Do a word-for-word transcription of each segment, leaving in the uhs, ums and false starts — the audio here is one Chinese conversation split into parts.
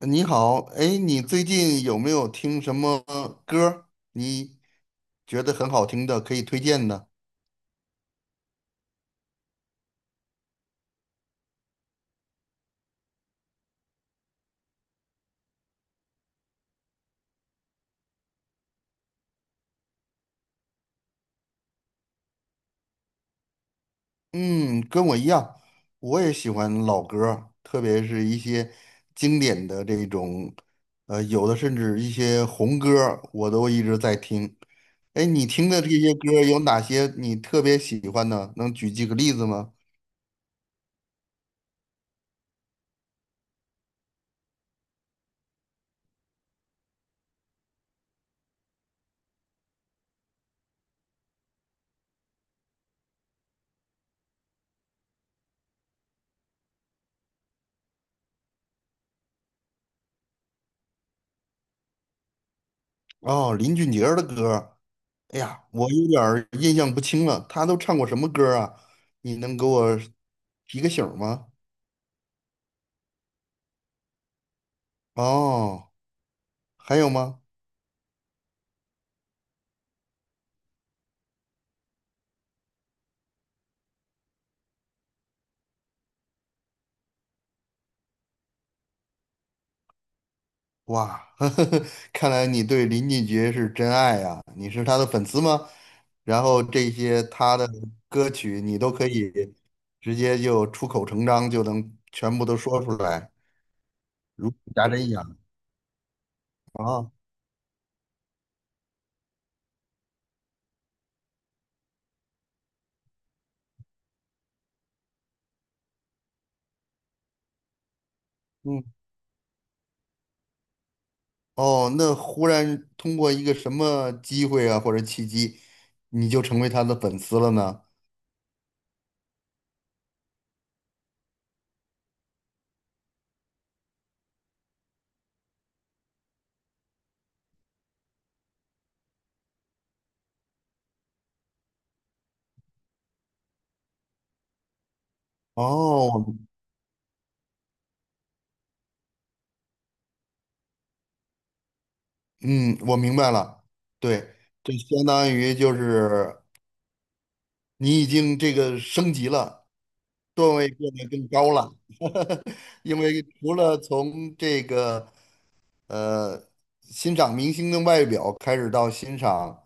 你好，哎，你最近有没有听什么歌儿你觉得很好听的，可以推荐的？嗯，跟我一样，我也喜欢老歌儿特别是一些经典的这种，呃，有的甚至一些红歌儿我都一直在听。哎，你听的这些歌儿有哪些你特别喜欢的，能举几个例子吗？哦，林俊杰儿的歌儿哎呀，我有点儿印象不清了，他都唱过什么歌啊？你能给我提个醒儿吗？哦，还有吗？哇，呵呵看来你对林俊杰是真爱呀、你是他的粉丝吗？然后这些他的歌曲你都可以直接就出口成章，就能全部都说出来，如数家珍一样啊。嗯，哦，那忽然通过一个什么机会啊或者契机，你就成为他的粉丝了呢？哦，嗯，我明白了，对，这相当于就是你已经这个升级了，段位变得更高了，因为除了从这个呃欣赏明星的外表开始，到欣赏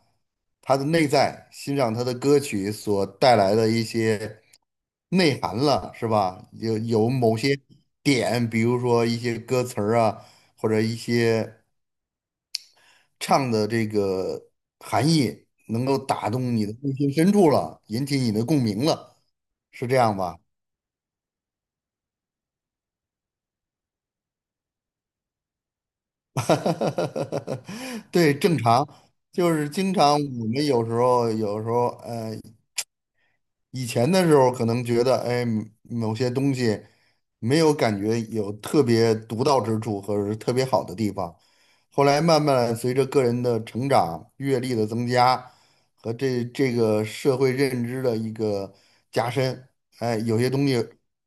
他的内在，欣赏他的歌曲所带来的一些内涵了，是吧？有有某些点，比如说一些歌词儿啊，或者一些。唱的这个含义能够打动你的内心深处了，引起你的共鸣了，是这样吧？对，正常，就是经常我们有时候有时候呃以前的时候可能觉得，哎，某些东西没有感觉有特别独到之处或者是特别好的地方，后来慢慢随着个人的成长、阅历的增加和这这个社会认知的一个加深，哎，有些东西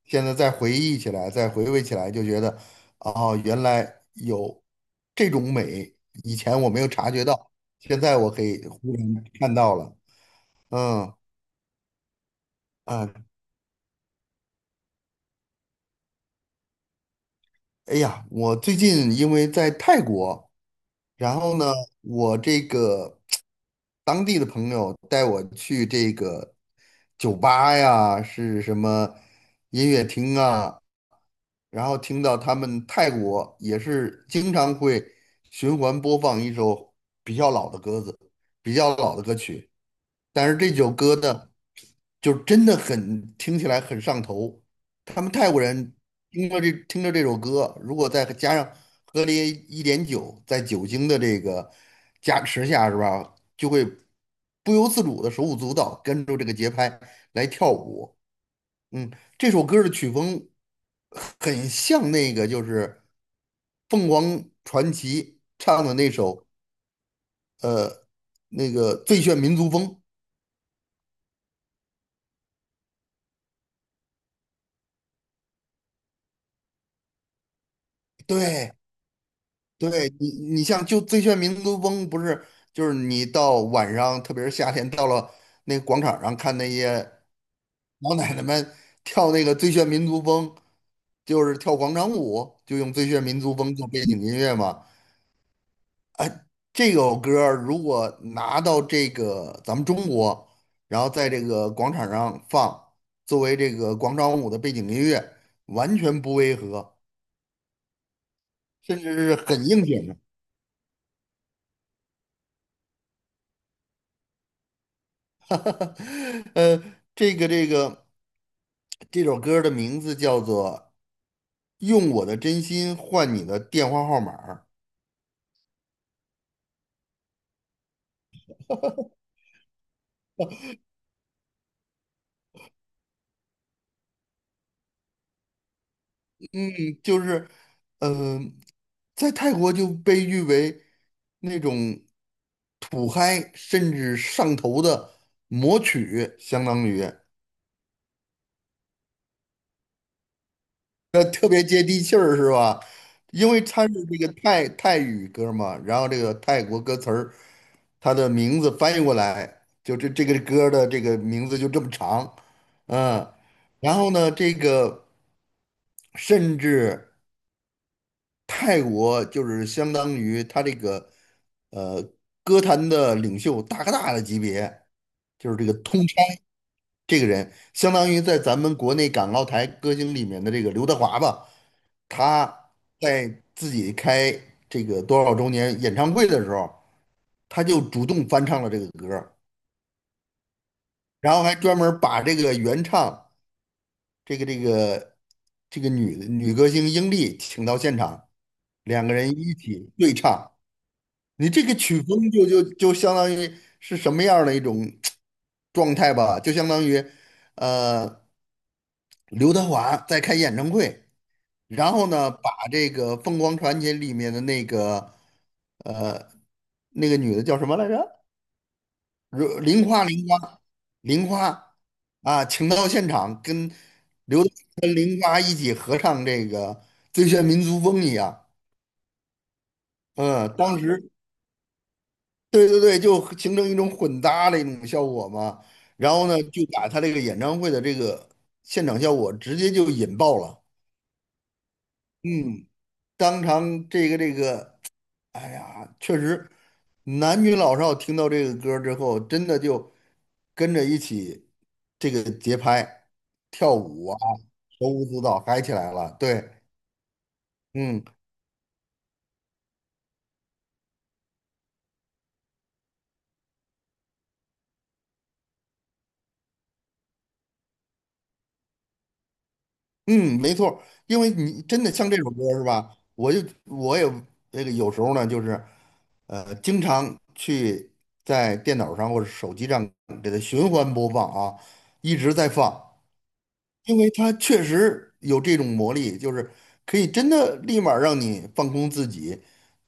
现在再回忆起来、再回味起来，就觉得，哦，原来有这种美，以前我没有察觉到，现在我可以忽然看到了，嗯。啊，哎呀，我最近因为在泰国，然后呢，我这个当地的朋友带我去这个酒吧呀，是什么音乐厅啊，然后听到他们泰国也是经常会循环播放一首比较老的歌子，比较老的歌曲。但是这首歌呢，就真的很听起来很上头。他们泰国人听着这听着这首歌，如果再加上喝了一点酒，在酒精的这个加持下，是吧，就会不由自主的手舞足蹈，跟着这个节拍来跳舞。嗯，这首歌的曲风很像那个就是凤凰传奇唱的那首那个《最炫民族风》。对，对你，你像就《最炫民族风》，不是就是你到晚上，特别是夏天，到了那个广场上看那些 老奶奶们跳那个《最炫民族风》，就是跳广场舞，就用《最炫民族风》做背景音乐嘛。这首歌儿如果拿到这个咱们中国，然后在这个广场上放，作为这个广场舞的背景音乐，完全不违和，甚至是很应景的。呃，这个这个这首歌的名字叫做《用我的真心换你的电话号码儿嗯，就是，呃，在泰国就被誉为那种土嗨甚至上头的魔曲，相当于。那特别接地气儿是吧？因为它是这个泰泰语歌嘛，然后这个泰国歌词儿，它的名字翻译过来，就这这个歌的这个名字就这么长，嗯，然后呢，这个甚至泰国就是相当于他这个呃歌坛的领袖大哥大的级别，就是这个通。这个人相当于在咱们国内港澳台歌星里面的这个刘德华吧，他在自己开这个多少周年演唱会的时候，他就主动翻唱了这个歌儿然后还专门儿把这个原唱这个这个这个女女歌星英丽请到现场，两个人一起对唱。你这个曲风就就就相当于是什么样儿的一种状态吧？就相当于，呃。刘德华在开演唱会，然后呢，把这个《凤凰传奇》里面的那个呃那个女的叫什么来着？如玲花，玲花，玲花啊，请到现场跟刘德华跟玲花一起合唱这个《最炫民族风》一样。嗯，当时对对对，就形成一种混搭的一种效果嘛。然后呢，就把他这个演唱会的这个现场效果直接就引爆了。嗯，当场这个这个，哎呀，确实，男女老少听到这个歌儿之后，真的就跟着一起这个节拍跳舞啊，手舞足蹈嗨起来了。对，嗯嗯，没错儿因为你真的像这首歌儿是吧？我就我也这个有时候呢，就是呃，经常去在电脑上或者手机上给它循环播放啊，一直在放。因为它确实有这种魔力，就是可以真的立马让你放空自己，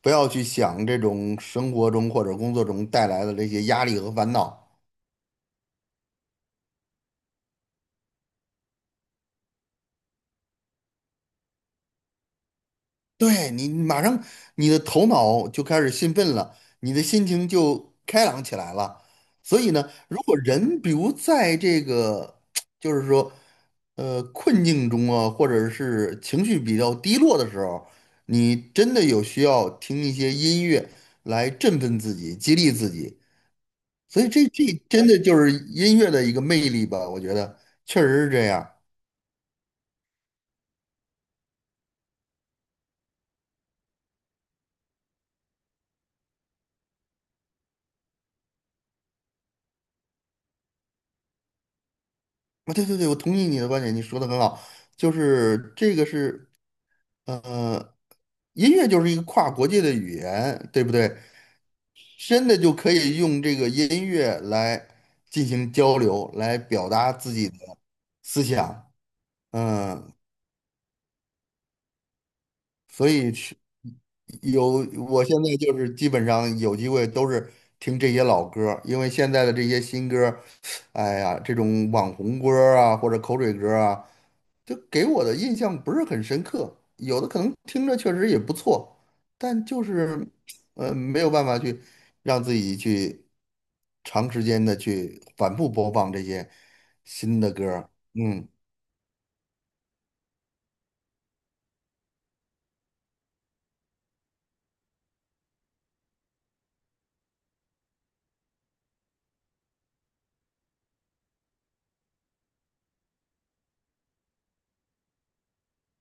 不要去想这种生活中或者工作中带来的这些压力和烦恼。对你马上你的头脑就开始兴奋了，你的心情就开朗起来了。所以呢，如果人比如在这个 就是说呃困境中啊，或者是情绪比较低落的时候，你真的有需要听一些音乐来振奋自己、激励自己。所以这这真的就是音乐的一个魅力吧，我觉得确实是这样。啊，对对对，我同意你的观点，你说的很好，就是这个是。呃，音乐就是一个跨国界的语言，对不对？真的就可以用这个音乐来进行交流，来表达自己的思想。嗯，所以是有，我现在就是基本上有机会都是听这些老歌儿因为现在的这些新歌儿，哎呀，这种网红歌儿啊或者口水歌儿啊，就给我的印象不是很深刻，有的可能听着确实也不错，但就是呃没有办法去让自己去长时间的去反复播放这些新的歌儿。嗯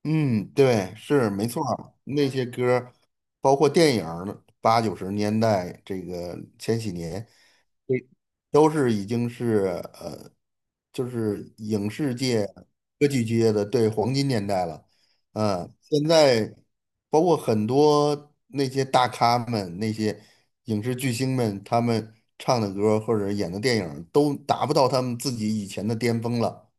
嗯，对，是没错儿那些歌儿包括电影儿八九十年代这个千禧年，对，都是已经是呃，就是影视界、歌剧界的对黄金年代了。嗯，现在包括很多那些大咖们、那些影视巨星们，他们唱的歌或者演的电影都达不到他们自己以前的巅峰了。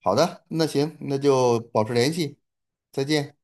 好的，那行，那就保持联系，再见。